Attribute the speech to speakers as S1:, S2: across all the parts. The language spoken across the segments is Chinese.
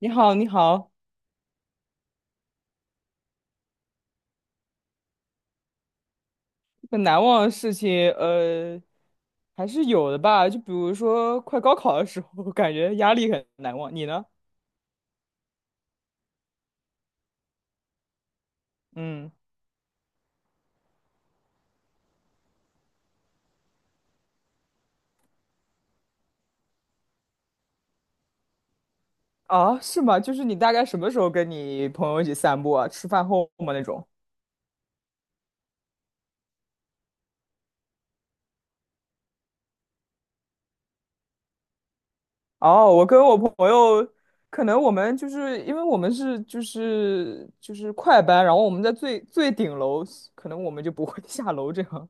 S1: 你好，你好，很难忘的事情，还是有的吧。就比如说，快高考的时候，我感觉压力很难忘。你呢？嗯，啊，是吗？就是你大概什么时候跟你朋友一起散步啊？吃饭后吗那种？哦，我跟我朋友，可能我们就是因为我们是就是快班，然后我们在最顶楼，可能我们就不会 下楼这样。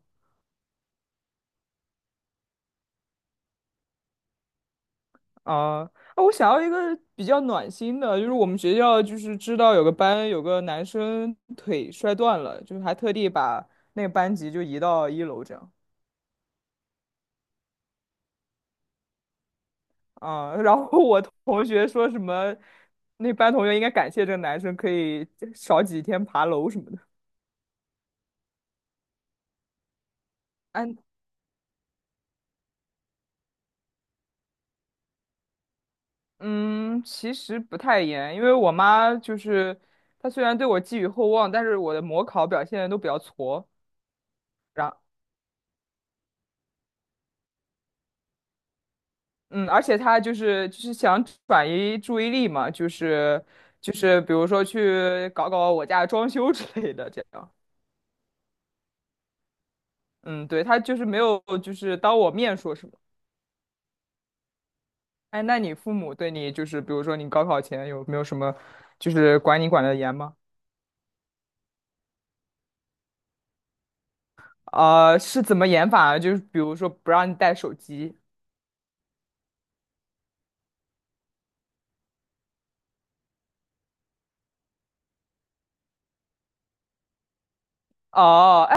S1: 啊我想要一个比较暖心的，就是我们学校就是知道有个班有个男生腿摔断了，就是还特地把那个班级就移到一楼这样啊。然后我同学说什么，那班同学应该感谢这个男生可以少几天爬楼什么的。安，嗯，其实不太严，因为我妈就是她虽然对我寄予厚望，但是我的模考表现都比较挫。嗯，而且他就是想转移注意力嘛，就是比如说去搞搞我家装修之类的这样。嗯，对，他就是没有就是当我面说什么。哎，那你父母对你就是比如说你高考前有没有什么就是管你管的严吗？啊、是怎么严法啊？就是比如说不让你带手机。哦，哎。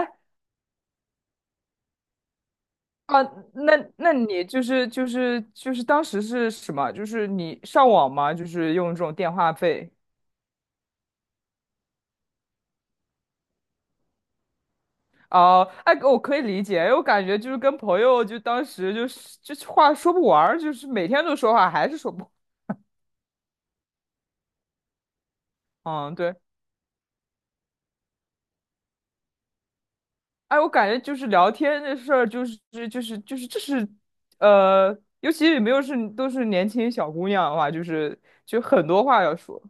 S1: 啊，那你就是当时是什么？就是你上网吗？就是用这种电话费。哦，哎，我可以理解，因为我感觉就是跟朋友，就当时就是话说不完儿就是每天都说话，还是说不，嗯，对，哎，我感觉就是聊天的事儿、就是，就是这是，尤其是没有是都是年轻小姑娘的话，就是就很多话要说。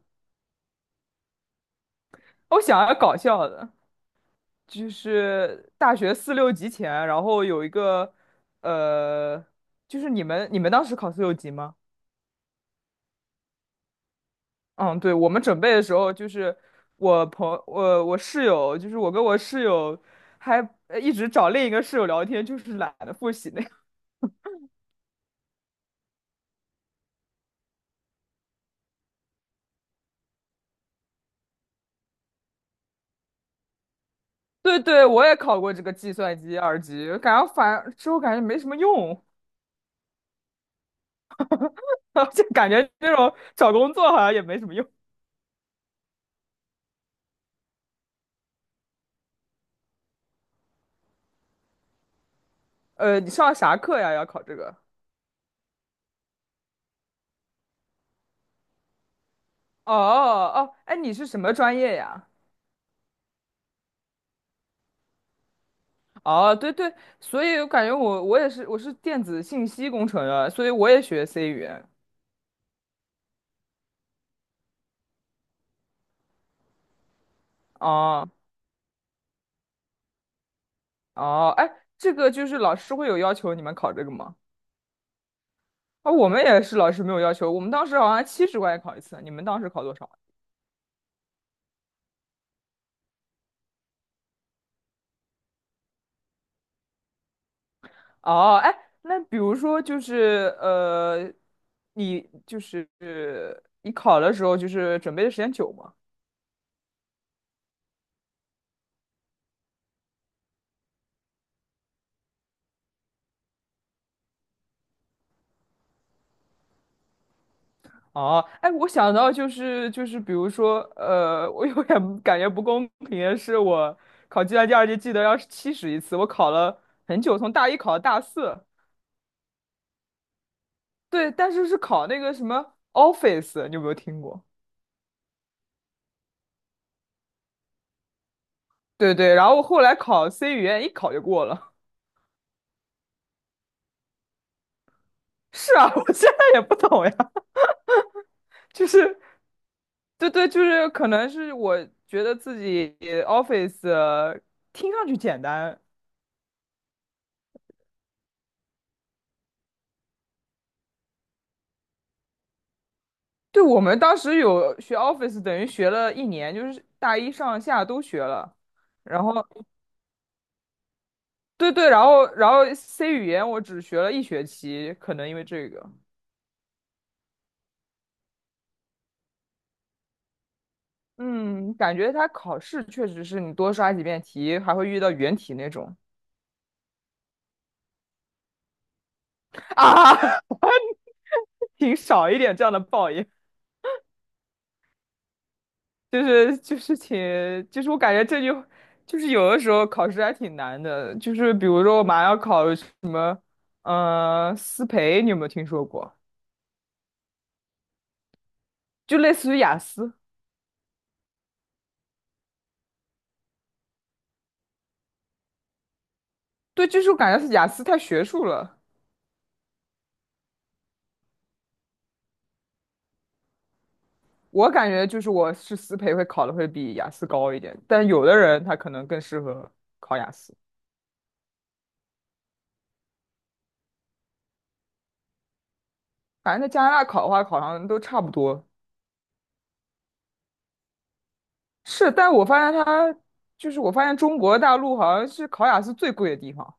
S1: 我想要搞笑的，就是大学四六级前，然后有一个，呃，就是你们当时考四六级吗？嗯，对，我们准备的时候，就是我朋我我室友，就是我跟我室友还一直找另一个室友聊天，就是懒得复习那样。对对，我也考过这个计算机二级，感觉反之后感觉没什么用，就感觉这种找工作好像也没什么用。你上啥课呀？要考这个？哦哦，哎，你是什么专业呀？哦，对对，所以我感觉我也是我是电子信息工程的，所以我也学 C 语言。哦哦，哎，这个就是老师会有要求你们考这个吗？啊、我们也是老师没有要求，我们当时好像70块钱考一次，你们当时考多少啊？哦，哎，那比如说就是你就是你考的时候就是准备的时间久吗？哦，哎，我想到就是比如说我有点 感觉不公平的是，我考计算机二级记得要是七十一次，我考了很久，从大一考到大四，对，但是考那个什么 Office，你有没有听过？对对，然后后来考 C 语言一考就过了。是啊，我现在也不懂呀，就是，对对，就是可能是我觉得自己 Office 听上去简单，对我们当时有学 Office，等于学了一年，就是大一上下都学了。然后对对，然后 C 语言我只学了一学期，可能因为这个，嗯，感觉它考试确实是你多刷几遍题，还会遇到原题那种啊。挺少一点这样的报应，就是请，就是我感觉这就是有的时候考试还挺难的，就是比如说我马上要考什么，思培，你有没有听说过？就类似于雅思，对，就是我感觉是雅思太学术了，我感觉就是我是思培会考的会比雅思高一点，但有的人他可能更适合考雅思，反正在加拿大考的话，好像都差不多。是，但我发现他就是我发现中国大陆好像是考雅思最贵的地方。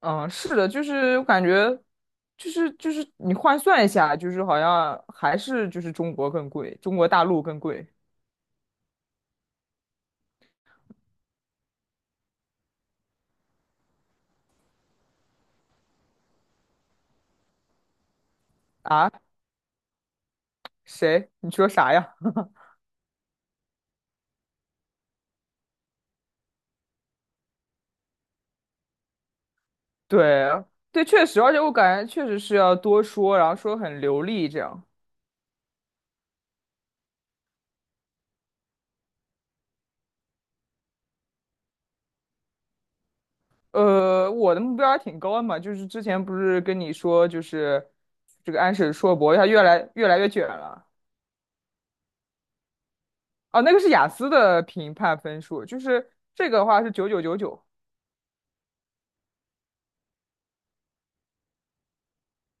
S1: 嗯，是的，就是我感觉，就是你换算一下，就是好像还是就是中国更贵，中国大陆更贵啊？谁？你说啥呀？对对，确实，而且我感觉确实是要多说，然后说很流利这样。我的目标还挺高的嘛，就是之前不是跟你说，就是这个安史硕博它越来越卷了。哦，那个是雅思的评判分数，就是这个的话是9999。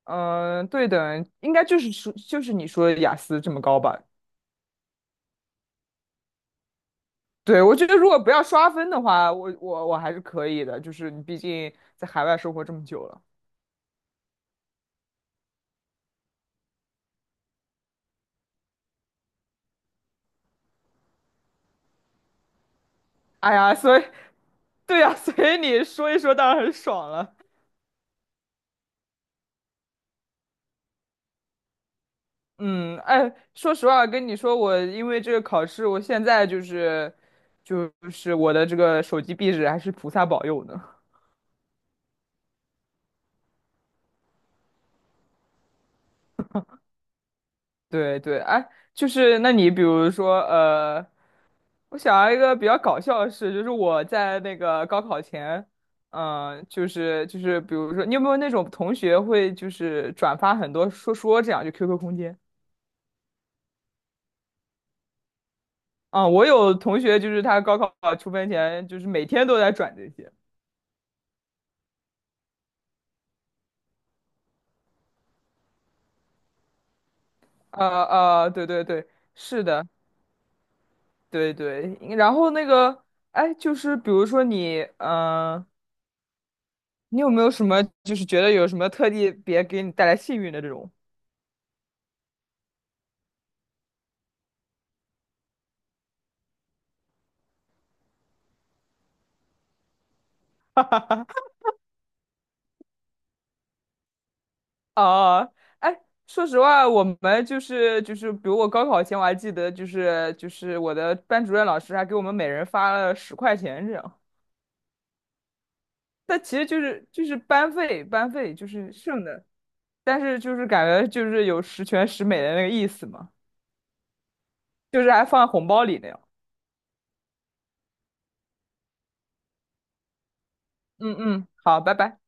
S1: 嗯、对的，应该就是说就是你说的雅思这么高吧？对，我觉得如果不要刷分的话，我还是可以的。就是你毕竟在海外生活这么久了，哎呀，所以对呀、所以你说一说当然很爽了。嗯，哎，说实话，跟你说，我因为这个考试，我现在就是我的这个手机壁纸还是菩萨保佑呢。对对，哎，就是那你比如说。我想要一个比较搞笑的事，就是我在那个高考前，嗯，就是，比如说，你有没有那种同学会就是转发很多说说这样，就 QQ 空间啊、我有同学就是他高考出分前，就是每天都在转这些。对对对，是的，对对。然后那个，哎，就是比如说你，嗯、你有没有什么就是觉得有什么特地别给你带来幸运的这种？哦，哎，说实话，我们就是，比如我高考前我还记得，就是我的班主任老师还给我们每人发了十块钱这样，但其实就是班费就是剩的，但是就是感觉就是有十全十美的那个意思嘛，就是还放在红包里那样。嗯嗯，好，拜拜。